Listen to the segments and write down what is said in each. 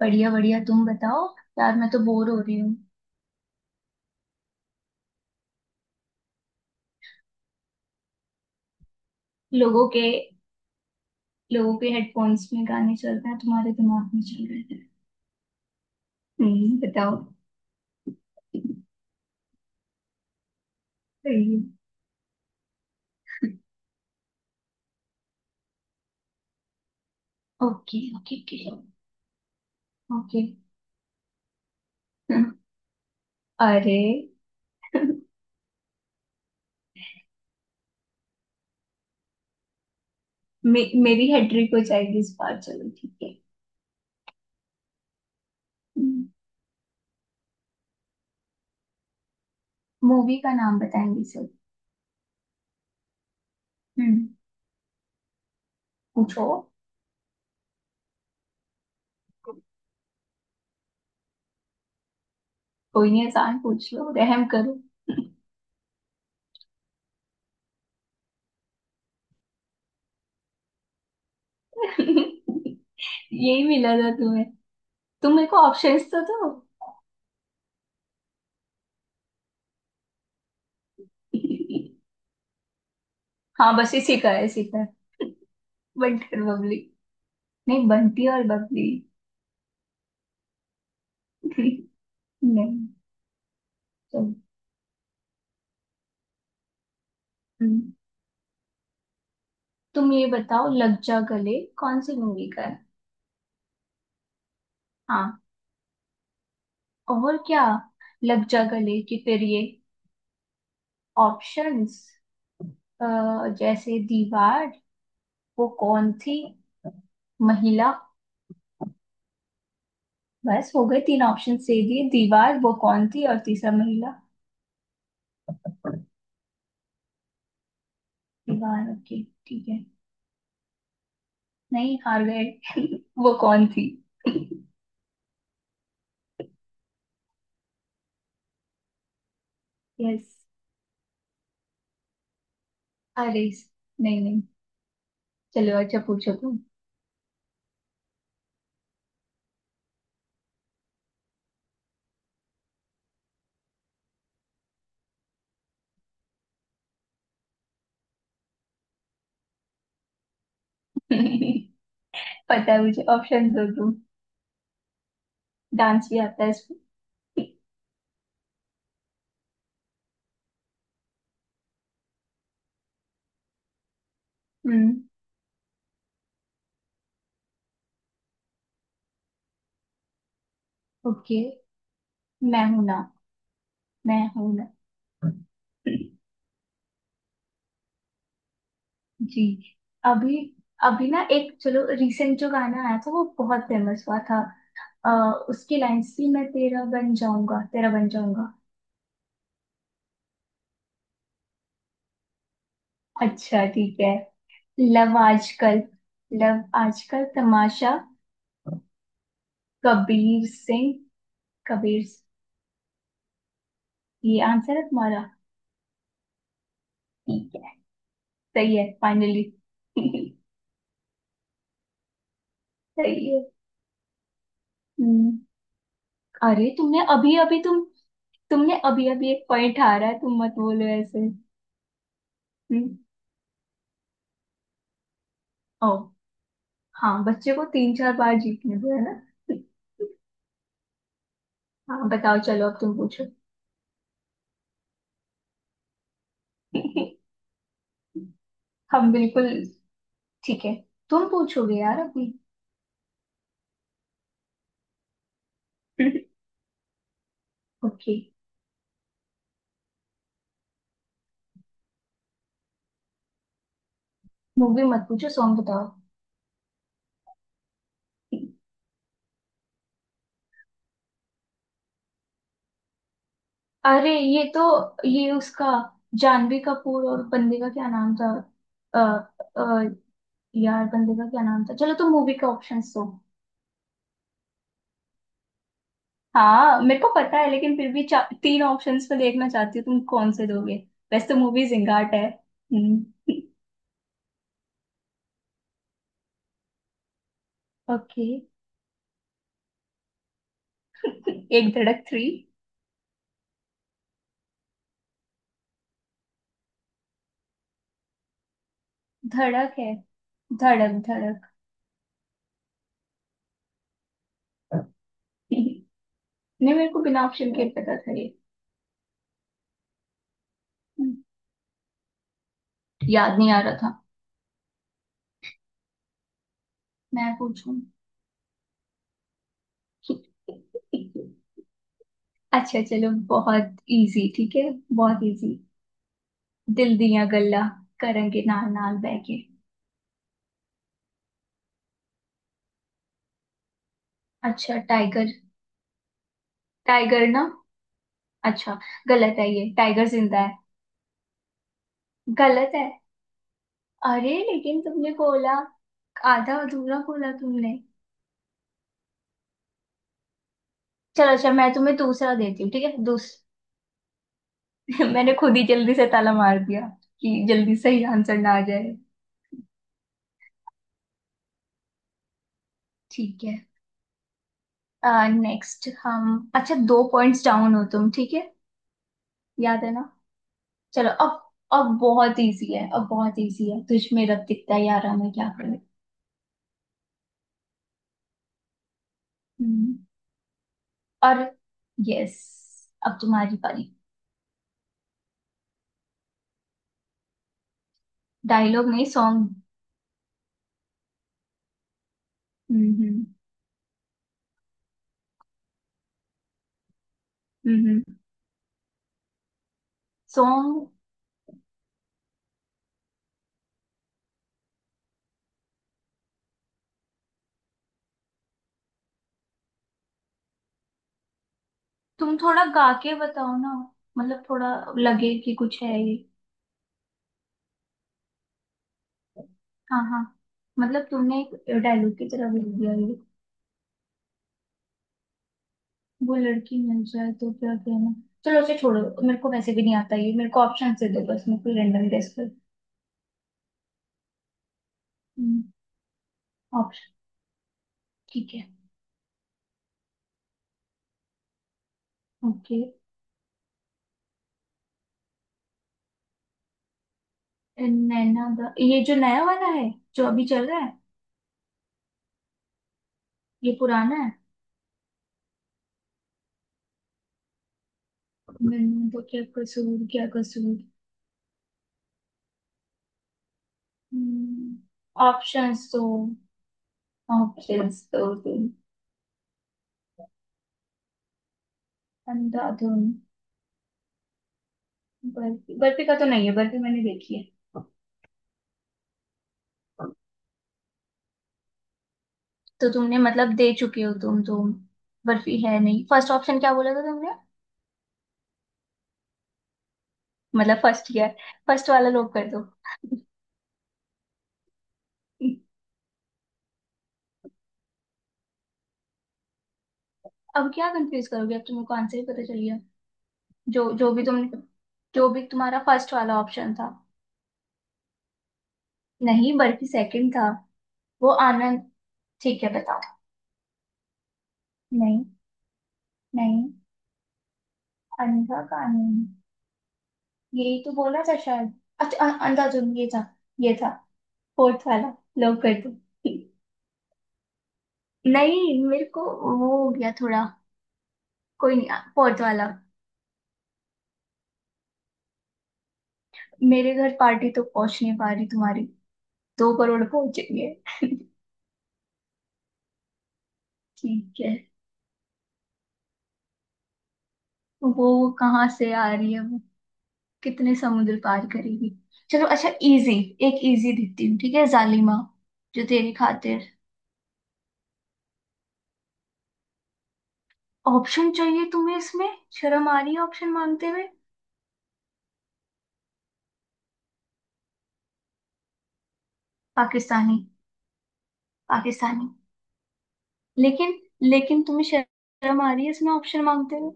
बढ़िया बढ़िया। तुम बताओ। यार मैं तो बोर हो रही हूँ। लोगों के लोगों के हेडफोन्स में गाने चल रहे हैं। तुम्हारे दिमाग में चल रहे हैं। बताओ। Okay okay okay. ओके। अरे मेरी हेड्रिक हो जाएगी इस बार। चलो ठीक है। मूवी का नाम बताएंगे सब। हम्म पूछो। कोई नहीं, आसान पूछ लो, रहम करो। यही मिला था तुम्हें? तुम मेरे को ऑप्शंस तो दो। हाँ बस इसी का है इसी का। बंटी और बबली। नहीं, बंटी और बबली। नहीं। चल। हम्म, तुम ये बताओ लग जा गले कौन सी मूवी का है। हाँ। और क्या। लग जा गले कि फिर ये। ऑप्शंस, जैसे दीवार, वो कौन थी, महिला। बस हो गए, तीन ऑप्शन दे दिए, दीवार, वो कौन थी और तीसरा महिला। दीवार, ओके ठीक है। नहीं, हार गए। वो कौन थी। यस। अरे, नहीं नहीं। चलो अच्छा पूछो। तुम पता है मुझे, ऑप्शन दो तुम। डांस भी आता है इसमें। हम्म। ओके। मैं हूं ना। मैं हूं ना। जी। अभी। अभी ना एक, चलो रिसेंट जो गाना आया था वो बहुत फेमस हुआ था। अ, उसकी लाइंस थी मैं तेरा बन जाऊंगा तेरा बन जाऊंगा। अच्छा ठीक है। लव आजकल। लव आजकल, तमाशा। कबीर सिंह। कबीर सिंह। ये आंसर है तुम्हारा। ठीक है। सही है फाइनली। सही है। हम्म। अरे तुमने अभी अभी, तुमने अभी अभी एक पॉइंट हारा है, तुम मत बोलो ऐसे। हम्म। ओ। हाँ बच्चे को तीन चार बार जीतने दो, है ना। हाँ बताओ, चलो अब तुम पूछो। हम बिल्कुल ठीक है। तुम पूछोगे यार अभी। ओके। मूवी मत पूछो, सॉन्ग बताओ। अरे ये तो, ये उसका। जानवी कपूर और बंदे का क्या नाम था। अ, अ, यार बंदे का क्या नाम था। चलो तुम मूवी के ऑप्शंस दो। हाँ मेरे को पता है लेकिन फिर भी तीन ऑप्शंस में देखना चाहती हूँ तुम कौन से दोगे। वैसे तो मूवी जिंगाट है। हम्म। ओके। एक धड़क थ्री। धड़क है। धड़क धड़क। नहीं, मेरे को बिना ऑप्शन के पता था ये। हम्म, याद नहीं आ रहा था। मैं पूछूं? अच्छा चलो बहुत इजी, ठीक है। बहुत इजी। दिल दिया गल्ला करेंगे नाल नाल बहके। अच्छा, टाइगर। टाइगर ना। अच्छा। गलत है, ये टाइगर जिंदा। गलत है। अरे लेकिन तुमने बोला। आधा अधूरा बोला तुमने। चलो अच्छा मैं तुम्हें दूसरा देती हूँ, ठीक है, दूस। मैंने खुद ही जल्दी से ताला मार दिया कि जल्दी सही आंसर ना आ जाए। ठीक है। नेक्स्ट हम। अच्छा दो पॉइंट्स डाउन हो तुम, ठीक है। याद है ना। चलो अब। अब बहुत इजी है, अब बहुत इजी है। तुझ में रब दिखता है यारा मैं क्या करूं। हम्म, और। यस। अब तुम्हारी बारी। डायलॉग नहीं, सॉन्ग। हम्म। हम्म। सॉन्ग। तुम थोड़ा गा के बताओ ना। मतलब थोड़ा लगे कि कुछ है ये। हाँ हाँ। मतलब तुमने एक डायलॉग की तरह लिख दिया ये। वो लड़की मिल जाए तो क्या कहना। चलो उसे छोड़ो। मेरे को वैसे भी नहीं आता ये, मेरे को ऑप्शन दे दो बस, मैं कोई रैंडम गेस कर। ऑप्शन। ठीक है। ओके। नैना दा, ये जो नया वाला है, जो अभी चल रहा है? ये पुराना है। मैंने तो, क्या कसूर क्या कसूर। हम्म, ऑप्शंस तो ऑप्शंस तो तुम। अंधाधुन। बर्फी बर्फी का तो नहीं है, बर्फी मैंने देखी है। तो तुमने मतलब दे चुके हो तुम। बर्फी है नहीं। फर्स्ट ऑप्शन क्या बोला था तुमने। मतलब फर्स्ट ईयर। फर्स्ट वाला लोग कर दो। अब क्या कंफ्यूज करोगे, अब तुमको आंसर ही पता चल गया। जो जो भी तुमने जो भी तुम्हारा फर्स्ट वाला ऑप्शन था। नहीं, बल्कि सेकंड था। वो आनंद। ठीक है बताओ। नहीं। नहीं। अंधा कानून। यही तो बोला था शायद। अच्छा अंधाधुन ये था फोर्थ वाला। लोग कर दो। नहीं मेरे को। वो हो गया थोड़ा। कोई नहीं। पहुंच वाला। मेरे घर पार्टी तो पहुंच नहीं पा रही तुम्हारी, दो करोड़ पहुंचेंगे? ठीक है। वो कहाँ से आ रही है वो। कितने समुद्र पार करेगी। चलो अच्छा इजी। एक इजी देती हूँ, ठीक है। जालिमा जो तेरी खातिर। ऑप्शन चाहिए तुम्हें इसमें? शर्म आ रही है ऑप्शन मांगते हुए। पाकिस्तानी। पाकिस्तानी। लेकिन। लेकिन तुम्हें शर्म आ रही है इसमें ऑप्शन मांगते हुए।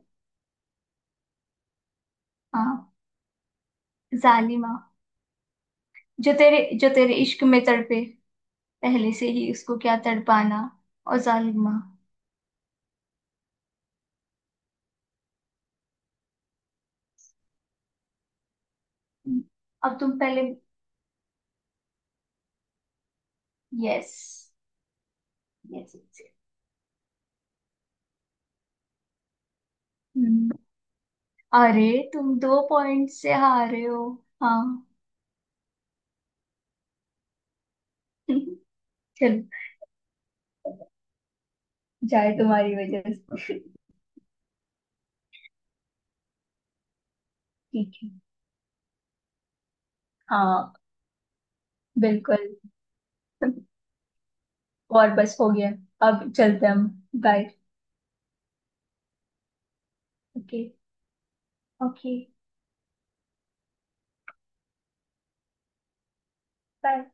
हाँ। जालिमा। जो तेरे इश्क में तड़पे। पहले से ही उसको क्या तड़पाना। और जालिमा। अब तुम पहले। यस। यस। अरे तुम दो पॉइंट से हारे हो। हाँ। चलो जाए तुम्हारी वजह से। ठीक है। हाँ। बिल्कुल। और बस हो गया। अब चलते हैं हम। बाय। ओके। ओके। बाय।